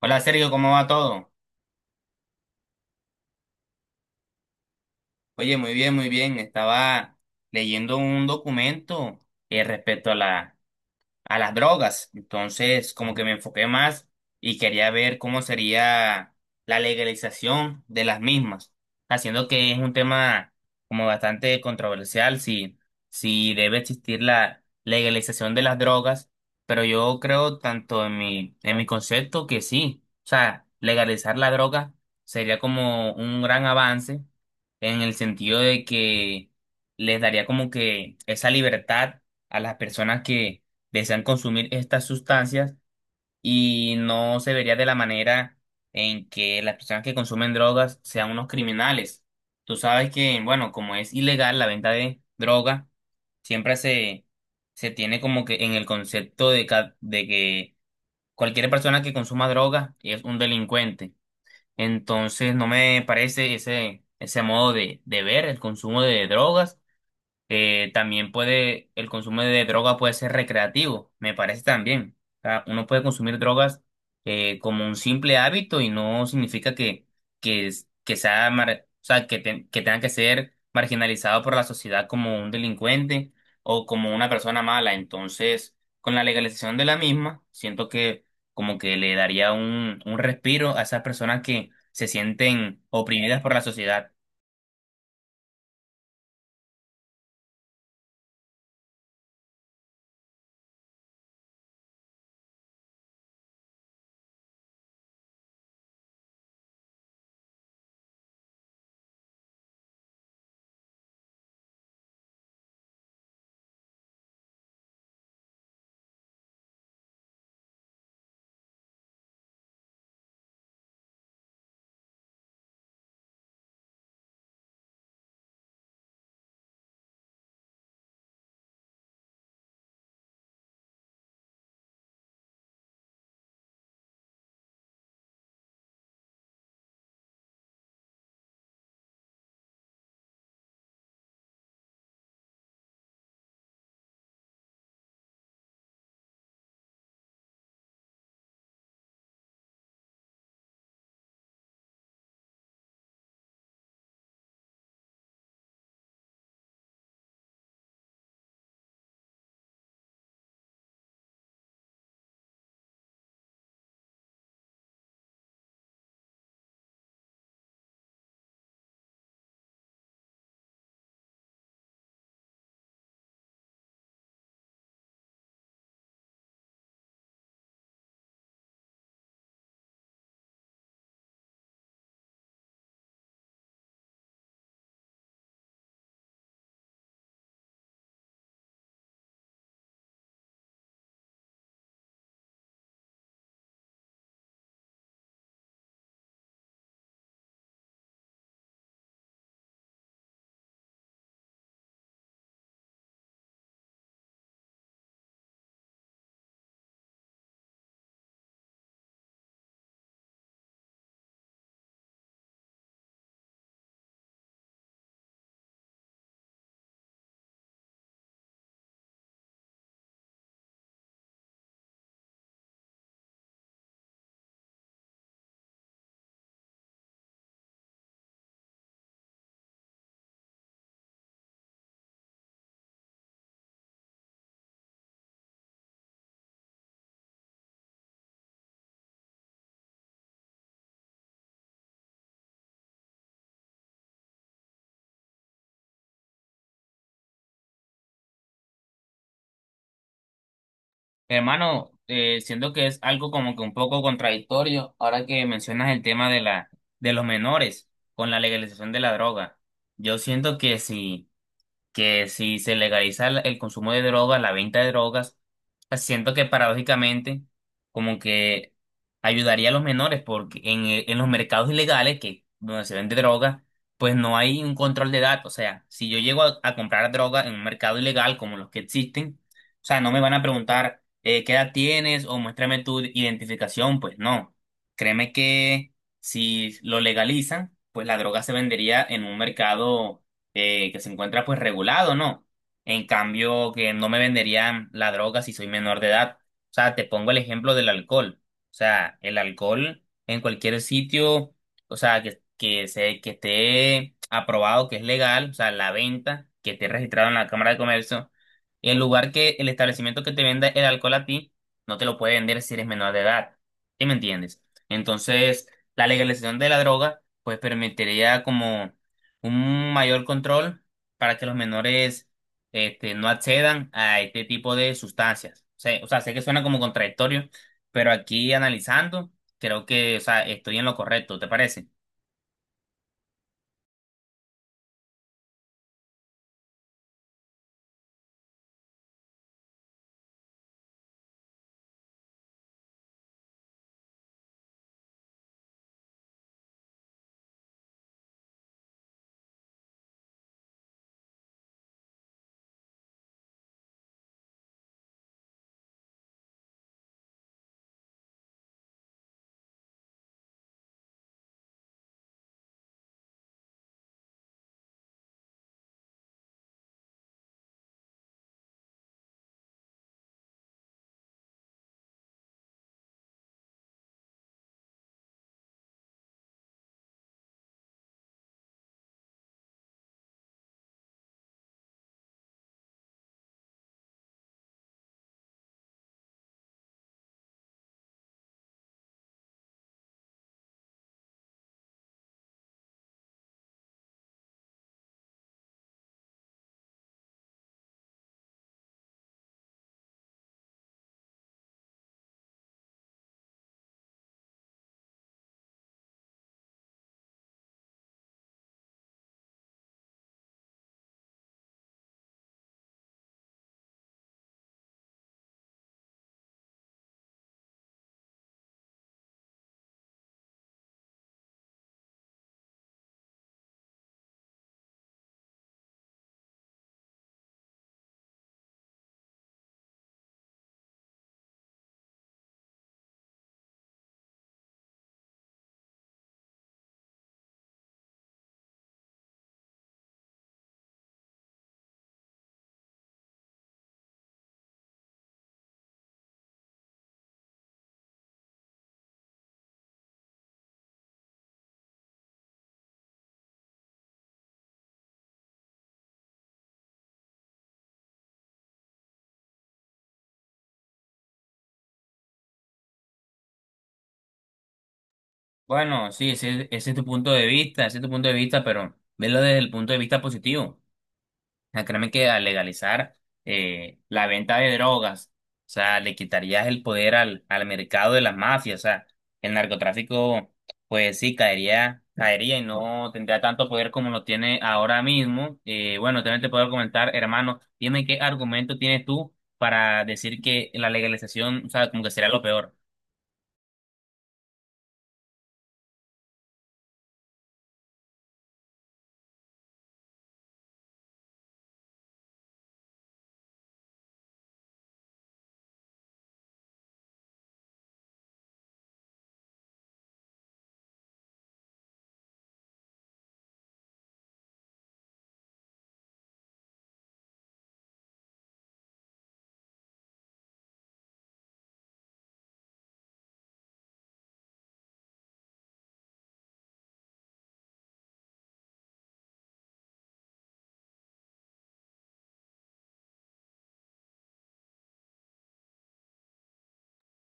Hola Sergio, ¿cómo va todo? Oye, muy bien, muy bien. Estaba leyendo un documento respecto a a las drogas. Entonces, como que me enfoqué más y quería ver cómo sería la legalización de las mismas, haciendo que es un tema como bastante controversial si debe existir la legalización de las drogas, pero yo creo tanto en en mi concepto que sí, o sea, legalizar la droga sería como un gran avance en el sentido de que les daría como que esa libertad a las personas que desean consumir estas sustancias y no se vería de la manera en que las personas que consumen drogas sean unos criminales. Tú sabes que, bueno, como es ilegal la venta de droga, siempre se, se tiene como que en el concepto de que cualquier persona que consuma droga es un delincuente. Entonces no me parece ese modo de ver el consumo de drogas. Eh, también el consumo de droga puede ser recreativo, me parece también. O sea, uno puede consumir drogas, como un simple hábito y no significa que o sea, que tenga que ser marginalizado por la sociedad como un delincuente o como una persona mala. Entonces, con la legalización de la misma, siento que como que le daría un respiro a esas personas que se sienten oprimidas por la sociedad. Hermano, siento que es algo como que un poco contradictorio ahora que mencionas el tema de de los menores con la legalización de la droga. Yo siento que si se legaliza el consumo de droga, la venta de drogas, pues siento que paradójicamente como que ayudaría a los menores porque en los mercados ilegales que donde se vende droga, pues no hay un control de edad. O sea, si yo llego a comprar droga en un mercado ilegal como los que existen, o sea, no me van a preguntar, qué edad tienes o muéstrame tu identificación, pues no. Créeme que si lo legalizan, pues la droga se vendería en un mercado que se encuentra pues regulado, ¿no? En cambio, que no me venderían la droga si soy menor de edad. O sea, te pongo el ejemplo del alcohol. O sea, el alcohol en cualquier sitio, o sea, que esté aprobado, que es legal, o sea, la venta, que esté registrado en la Cámara de Comercio, el lugar que el establecimiento que te venda el alcohol a ti, no te lo puede vender si eres menor de edad. ¿Sí me entiendes? Entonces, la legalización de la droga, pues permitiría como un mayor control para que los menores, este, no accedan a este tipo de sustancias. O sea, sé que suena como contradictorio, pero aquí analizando, creo que, o sea, estoy en lo correcto, ¿te parece? Bueno, sí, ese es tu punto de vista, ese es tu punto de vista, pero velo desde el punto de vista positivo. Sea, créeme que al legalizar, la venta de drogas, o sea, le quitarías el poder al mercado de las mafias, o sea, el narcotráfico, pues sí, caería, caería y no tendría tanto poder como lo tiene ahora mismo. Bueno, también te puedo comentar, hermano, dime qué argumento tienes tú para decir que la legalización, o sea, como que sería lo peor.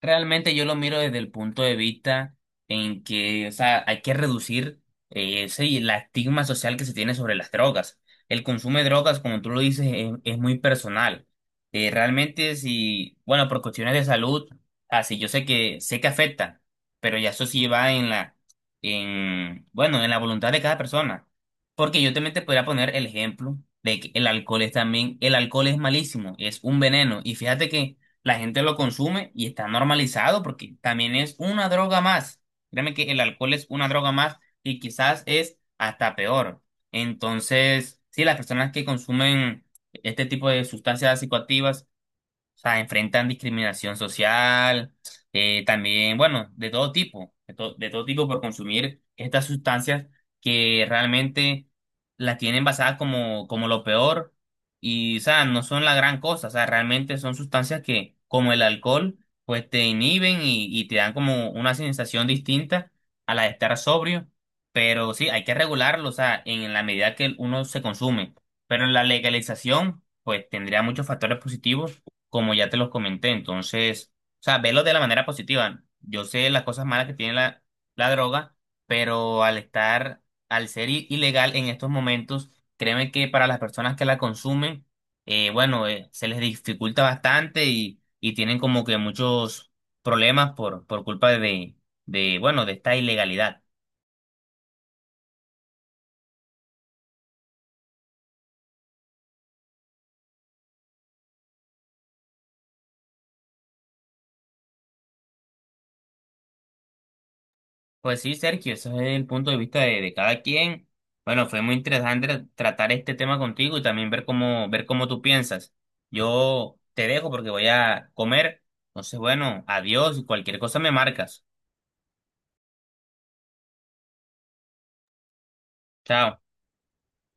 Realmente yo lo miro desde el punto de vista en que, o sea, hay que reducir, ese y la estigma social que se tiene sobre las drogas. El consumo de drogas, como tú lo dices, es muy personal. Realmente, si, bueno, por cuestiones de salud, así yo sé que afecta, pero ya eso sí va en bueno, en la voluntad de cada persona. Porque yo también te podría poner el ejemplo de que el alcohol es también, el alcohol es malísimo, es un veneno. Y fíjate que la gente lo consume y está normalizado porque también es una droga más. Créeme que el alcohol es una droga más y quizás es hasta peor. Entonces, sí, las personas que consumen este tipo de sustancias psicoactivas, o sea, enfrentan discriminación social, también, bueno, de todo tipo, de todo tipo por consumir estas sustancias que realmente las tienen basadas como lo peor y, o sea, no son la gran cosa, o sea, realmente son sustancias que, como el alcohol, pues te inhiben y te dan como una sensación distinta a la de estar sobrio, pero sí, hay que regularlo, o sea, en la medida que uno se consume, pero la legalización, pues tendría muchos factores positivos como ya te los comenté. Entonces, o sea, velo de la manera positiva. Yo sé las cosas malas que tiene la droga, pero al estar, al ser ilegal en estos momentos, créeme que para las personas que la consumen, bueno, se les dificulta bastante y tienen como que muchos problemas por culpa de esta ilegalidad. Pues sí, Sergio, ese es el punto de vista de cada quien. Bueno, fue muy interesante tratar este tema contigo y también ver cómo tú piensas. Yo te dejo porque voy a comer. Entonces, bueno, adiós y cualquier cosa me marcas. Chao.